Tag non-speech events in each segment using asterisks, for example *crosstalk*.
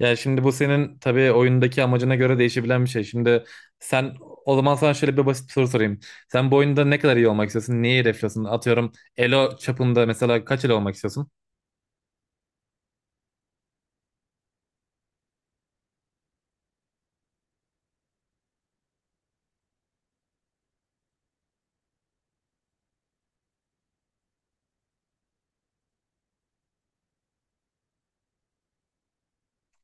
Yani şimdi bu senin tabii oyundaki amacına göre değişebilen bir şey. Şimdi sen o zaman sana şöyle bir basit bir soru sorayım. Sen bu oyunda ne kadar iyi olmak istiyorsun? Neyi hedefliyorsun? Atıyorum elo çapında mesela kaç elo olmak istiyorsun?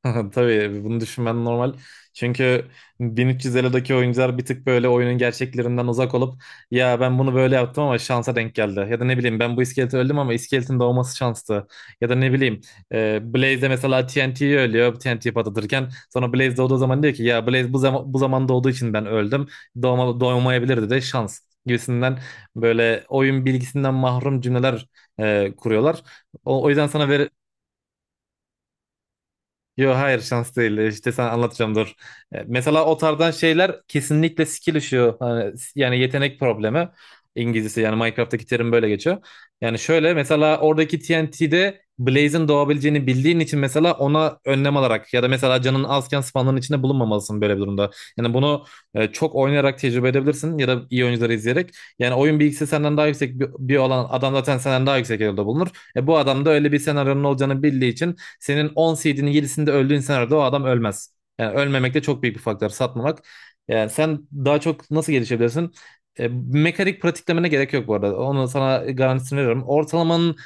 *laughs* Tabii bunu düşünmen normal. Çünkü 1300 Elo'daki oyuncular bir tık böyle oyunun gerçeklerinden uzak olup ya ben bunu böyle yaptım ama şansa denk geldi. Ya da ne bileyim ben bu iskeleti öldüm ama iskeletin doğması şanstı. Ya da ne bileyim Blaze de mesela TNT'yi ölüyor, TNT patlatırken sonra Blaze doğduğu zaman diyor ki ya Blaze bu zaman doğduğu için ben öldüm. Doğmayabilirdi de şans gibisinden böyle oyun bilgisinden mahrum cümleler kuruyorlar. O yüzden sana ver. Yo, hayır, şans değil. İşte sana anlatacağım, dur. Mesela o tarzdan şeyler kesinlikle skill issue. Hani, yani yetenek problemi. İngilizcesi yani Minecraft'taki terim böyle geçiyor. Yani şöyle mesela oradaki TNT'de Blaze'in doğabileceğini bildiğin için mesela ona önlem alarak ya da mesela canın azken spawnların içinde bulunmamalısın böyle bir durumda. Yani bunu çok oynayarak tecrübe edebilirsin ya da iyi oyuncuları izleyerek. Yani oyun bilgisi senden daha yüksek bir olan adam zaten senden daha yüksek yerde bulunur. Bu adam da öyle bir senaryonun olacağını bildiği için senin 10 CD'nin 7'sinde öldüğün senaryoda o adam ölmez. Yani ölmemek de çok büyük bir faktör. Satmamak. Yani sen daha çok nasıl gelişebilirsin? Mekanik pratiklemene gerek yok bu arada. Onu sana garantisini veriyorum. Ortalamanın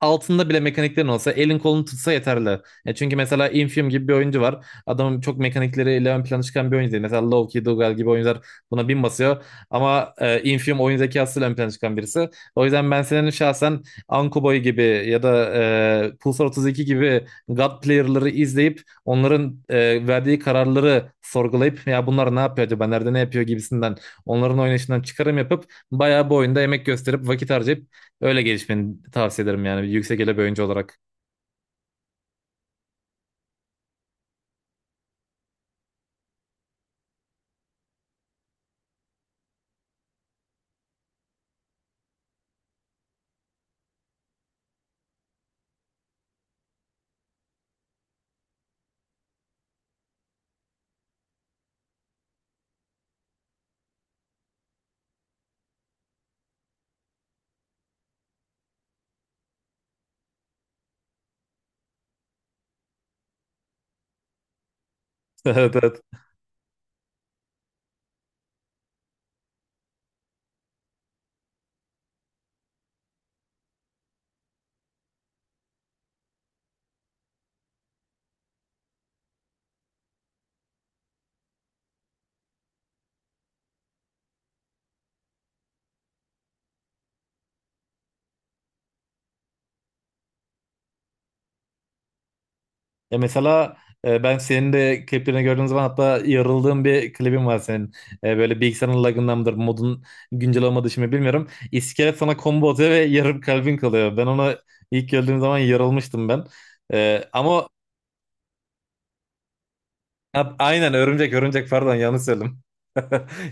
altında bile mekaniklerin olsa elin kolunu tutsa yeterli. Çünkü mesela Infium gibi bir oyuncu var. Adamın çok mekanikleriyle ön plana çıkan bir oyuncu değil. Mesela Lowkey, Dougal gibi oyuncular buna bin basıyor. Ama Infium oyun zekasıyla ön plana çıkan birisi. O yüzden ben senin şahsen Ankuboy gibi ya da Pulsar 32 gibi God player'ları izleyip onların verdiği kararları sorgulayıp ya bunlar ne yapıyor acaba, nerede ne yapıyor gibisinden onların oynayışından çıkarım yapıp bayağı bu oyunda emek gösterip vakit harcayıp öyle gelişmeni tavsiye ederim yani bir yüksek ele bir oyuncu olarak. *laughs* Evet, evet. Ya mesela ben senin de kliplerini gördüğüm zaman, hatta yarıldığım bir klibin var senin. Böyle bilgisayarın lagından mıdır, modun güncel olmadığı için mi bilmiyorum. İskelet sana combo atıyor ve yarım kalbin kalıyor. Ben ona ilk gördüğüm zaman yarılmıştım ben. E, ama Ha, aynen, örümcek örümcek, pardon, yanlış söyledim. *laughs*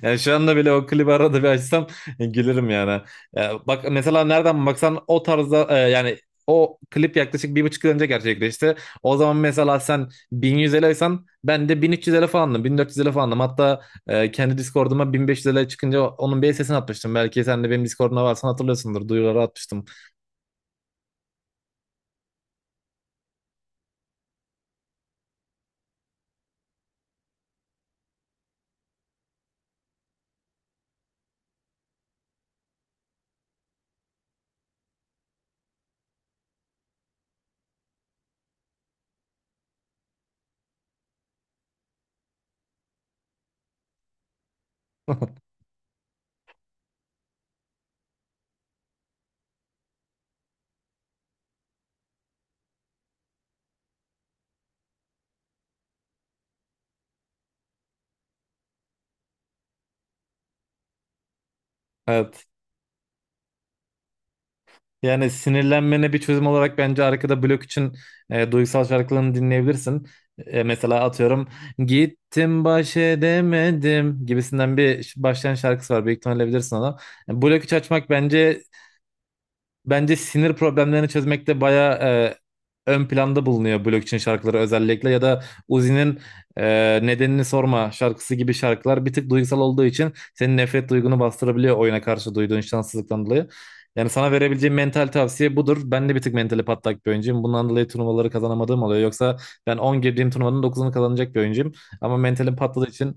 Yani şu anda bile o klibi arada bir açsam gülerim yani. Ya bak mesela nereden baksan o tarzda, yani o klip yaklaşık bir buçuk yıl önce gerçekleşti. O zaman mesela sen 1100 liraysan, ben de 1300 lira falandım, 1400 lira falandım. Hatta kendi Discord'uma 1500 lira çıkınca onun bir sesini atmıştım. Belki sen de benim Discord'una varsan hatırlıyorsundur, duyuruları atmıştım. *laughs* Evet. Yani sinirlenmene bir çözüm olarak bence arkada blok için duygusal şarkılarını dinleyebilirsin. Mesela atıyorum gittim baş edemedim gibisinden bir başlayan şarkısı var. Büyük ihtimalle bilirsin onu. Yani blok 3 açmak bence sinir problemlerini çözmekte bayağı ön planda bulunuyor, blockchain şarkıları özellikle, ya da Uzi'nin e, nedenini sorma şarkısı gibi şarkılar bir tık duygusal olduğu için senin nefret duygunu bastırabiliyor oyuna karşı duyduğun şanssızlıktan dolayı. Yani sana verebileceğim mental tavsiye budur. Ben de bir tık mentali patlak bir oyuncuyum. Bundan dolayı turnuvaları kazanamadığım oluyor. Yoksa ben 10 girdiğim turnuvanın dokuzunu kazanacak bir oyuncuyum. Ama mentalim patladığı için.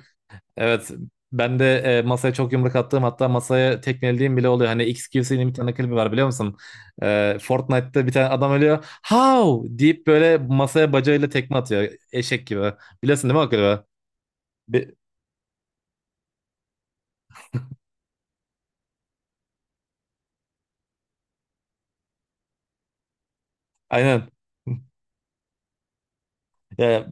Evet, ben de masaya çok yumruk attığım, hatta masaya tekmelediğim bile oluyor. Hani XQC'nin bir tane klibi var, biliyor musun? Fortnite'da bir tane adam ölüyor. How! Deyip böyle masaya bacağıyla tekme atıyor. Eşek gibi. Biliyorsun değil mi o klibi? Bir, aynen. *laughs* Ya,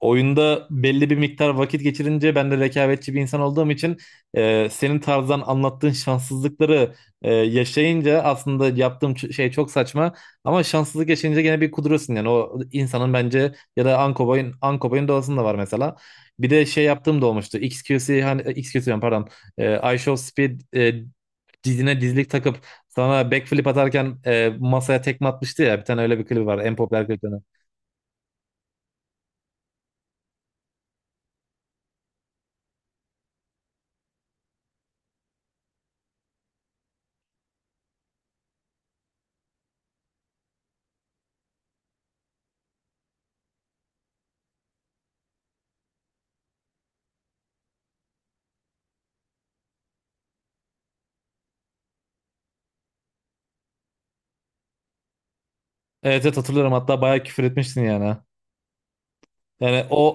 oyunda belli bir miktar vakit geçirince ben de rekabetçi bir insan olduğum için senin tarzdan anlattığın şanssızlıkları yaşayınca aslında yaptığım şey çok saçma, ama şanssızlık yaşayınca gene bir kuduruyorsun, yani o insanın bence, ya da Ankoboy'un doğasında var mesela. Bir de şey yaptığım da olmuştu. XQC, hani, XQC diyorum, pardon. I Show Speed dizine dizlik takıp sana backflip atarken masaya tekme atmıştı ya. Bir tane öyle bir klip var. En popüler kliplerden. Evet, evet hatırlıyorum. Hatta bayağı küfür etmiştin yani. Yani o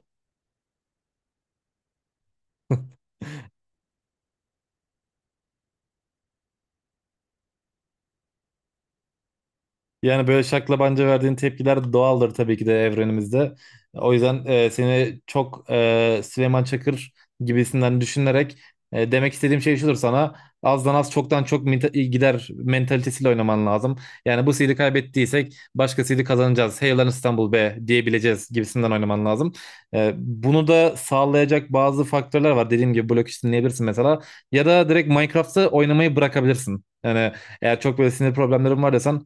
Yani böyle şaklabanca verdiğin tepkiler doğaldır tabii ki de evrenimizde. O yüzden seni çok Süleyman Çakır gibisinden düşünerek, demek istediğim şey şudur sana. Azdan az, çoktan çok gider mentalitesiyle oynaman lazım. Yani bu seedi kaybettiysek başkasıyla kazanacağız. Hey lan İstanbul be diyebileceğiz gibisinden oynaman lazım. Bunu da sağlayacak bazı faktörler var. Dediğim gibi blok işi dinleyebilirsin mesela. Ya da direkt Minecraft'ı oynamayı bırakabilirsin. Yani eğer çok böyle sinir problemlerin var desen.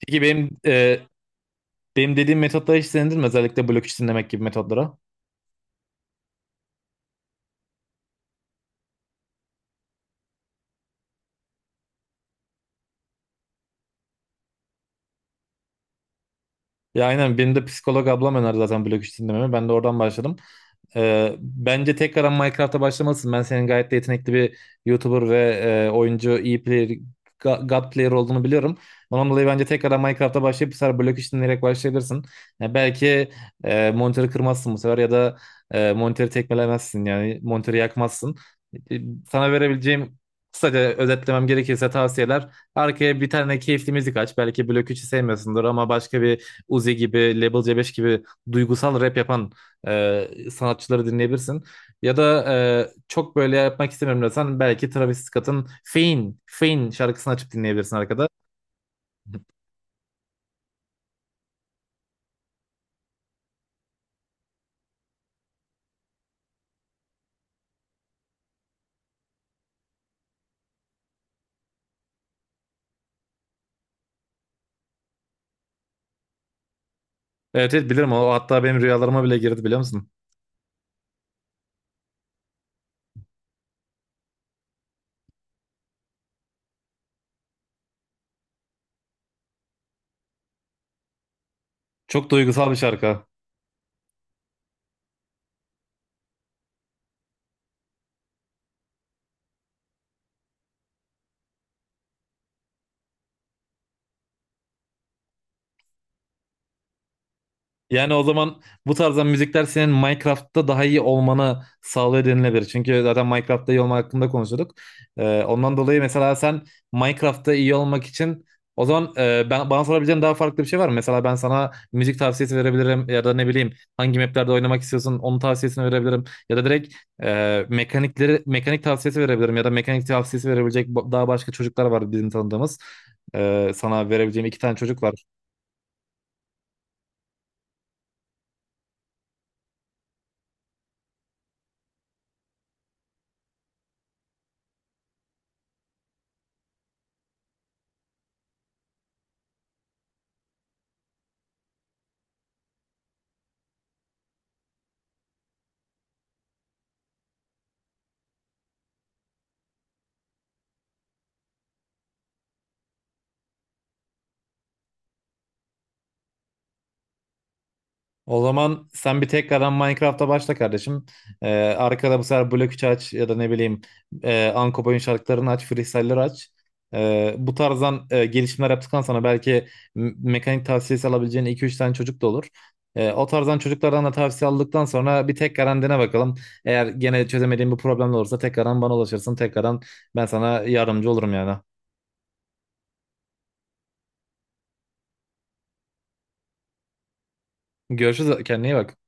Peki benim dediğim metotlara hiç denedin mi? Özellikle blok 3 dinlemek gibi metotlara. Ya aynen, benim de psikolog ablam önerdi zaten blok 3 dinlememi. Ben de oradan başladım. Bence tekrardan Minecraft'a başlamalısın. Ben senin gayet de yetenekli bir YouTuber ve oyuncu, iyi player, God player olduğunu biliyorum. Ondan dolayı bence tekrardan Minecraft'a başlayıp bu sefer blok işini dinleyerek başlayabilirsin. Ya belki monitörü kırmazsın bu sefer, ya da monitörü tekmelemezsin, yani monitörü yakmazsın. E, Sana verebileceğim, kısaca özetlemem gerekirse, tavsiyeler. Arkaya bir tane keyifli müzik aç. Belki blok 3'ü sevmiyorsundur ama başka bir, Uzi gibi, Level C5 gibi duygusal rap yapan sanatçıları dinleyebilirsin. Ya da çok böyle yapmak istemiyorum desen belki Travis Scott'ın Fein şarkısını açıp dinleyebilirsin arkada. Evet, evet bilirim o, hatta benim rüyalarıma bile girdi, biliyor musun? Çok duygusal bir şarkı. Yani o zaman bu tarzdan müzikler senin Minecraft'ta daha iyi olmanı sağlıyor denilebilir. Çünkü zaten Minecraft'ta iyi olmak hakkında konuşuyorduk. Ondan dolayı mesela sen Minecraft'ta iyi olmak için, o zaman, bana sorabileceğin daha farklı bir şey var mı? Mesela ben sana müzik tavsiyesi verebilirim ya da ne bileyim hangi maplerde oynamak istiyorsun onun tavsiyesini verebilirim. Ya da direkt mekanik tavsiyesi verebilirim ya da mekanik tavsiyesi verebilecek daha başka çocuklar var bizim tanıdığımız. Sana verebileceğim iki tane çocuk var. O zaman sen bir tekrardan Minecraft'a başla kardeşim. Ee, Arkada bu sefer blok 3 aç ya da ne bileyim Anko Boy'un şarkılarını aç, freestyle'ları aç. Bu tarzdan gelişimler yaptıktan sonra belki mekanik tavsiyesi alabileceğin iki üç tane çocuk da olur. O tarzdan çocuklardan da tavsiye aldıktan sonra bir tekrardan dene bakalım. Eğer gene çözemediğin bir problem olursa tekrardan bana ulaşırsın. Tekrardan ben sana yardımcı olurum yani. Görüşürüz. Kendine iyi bak.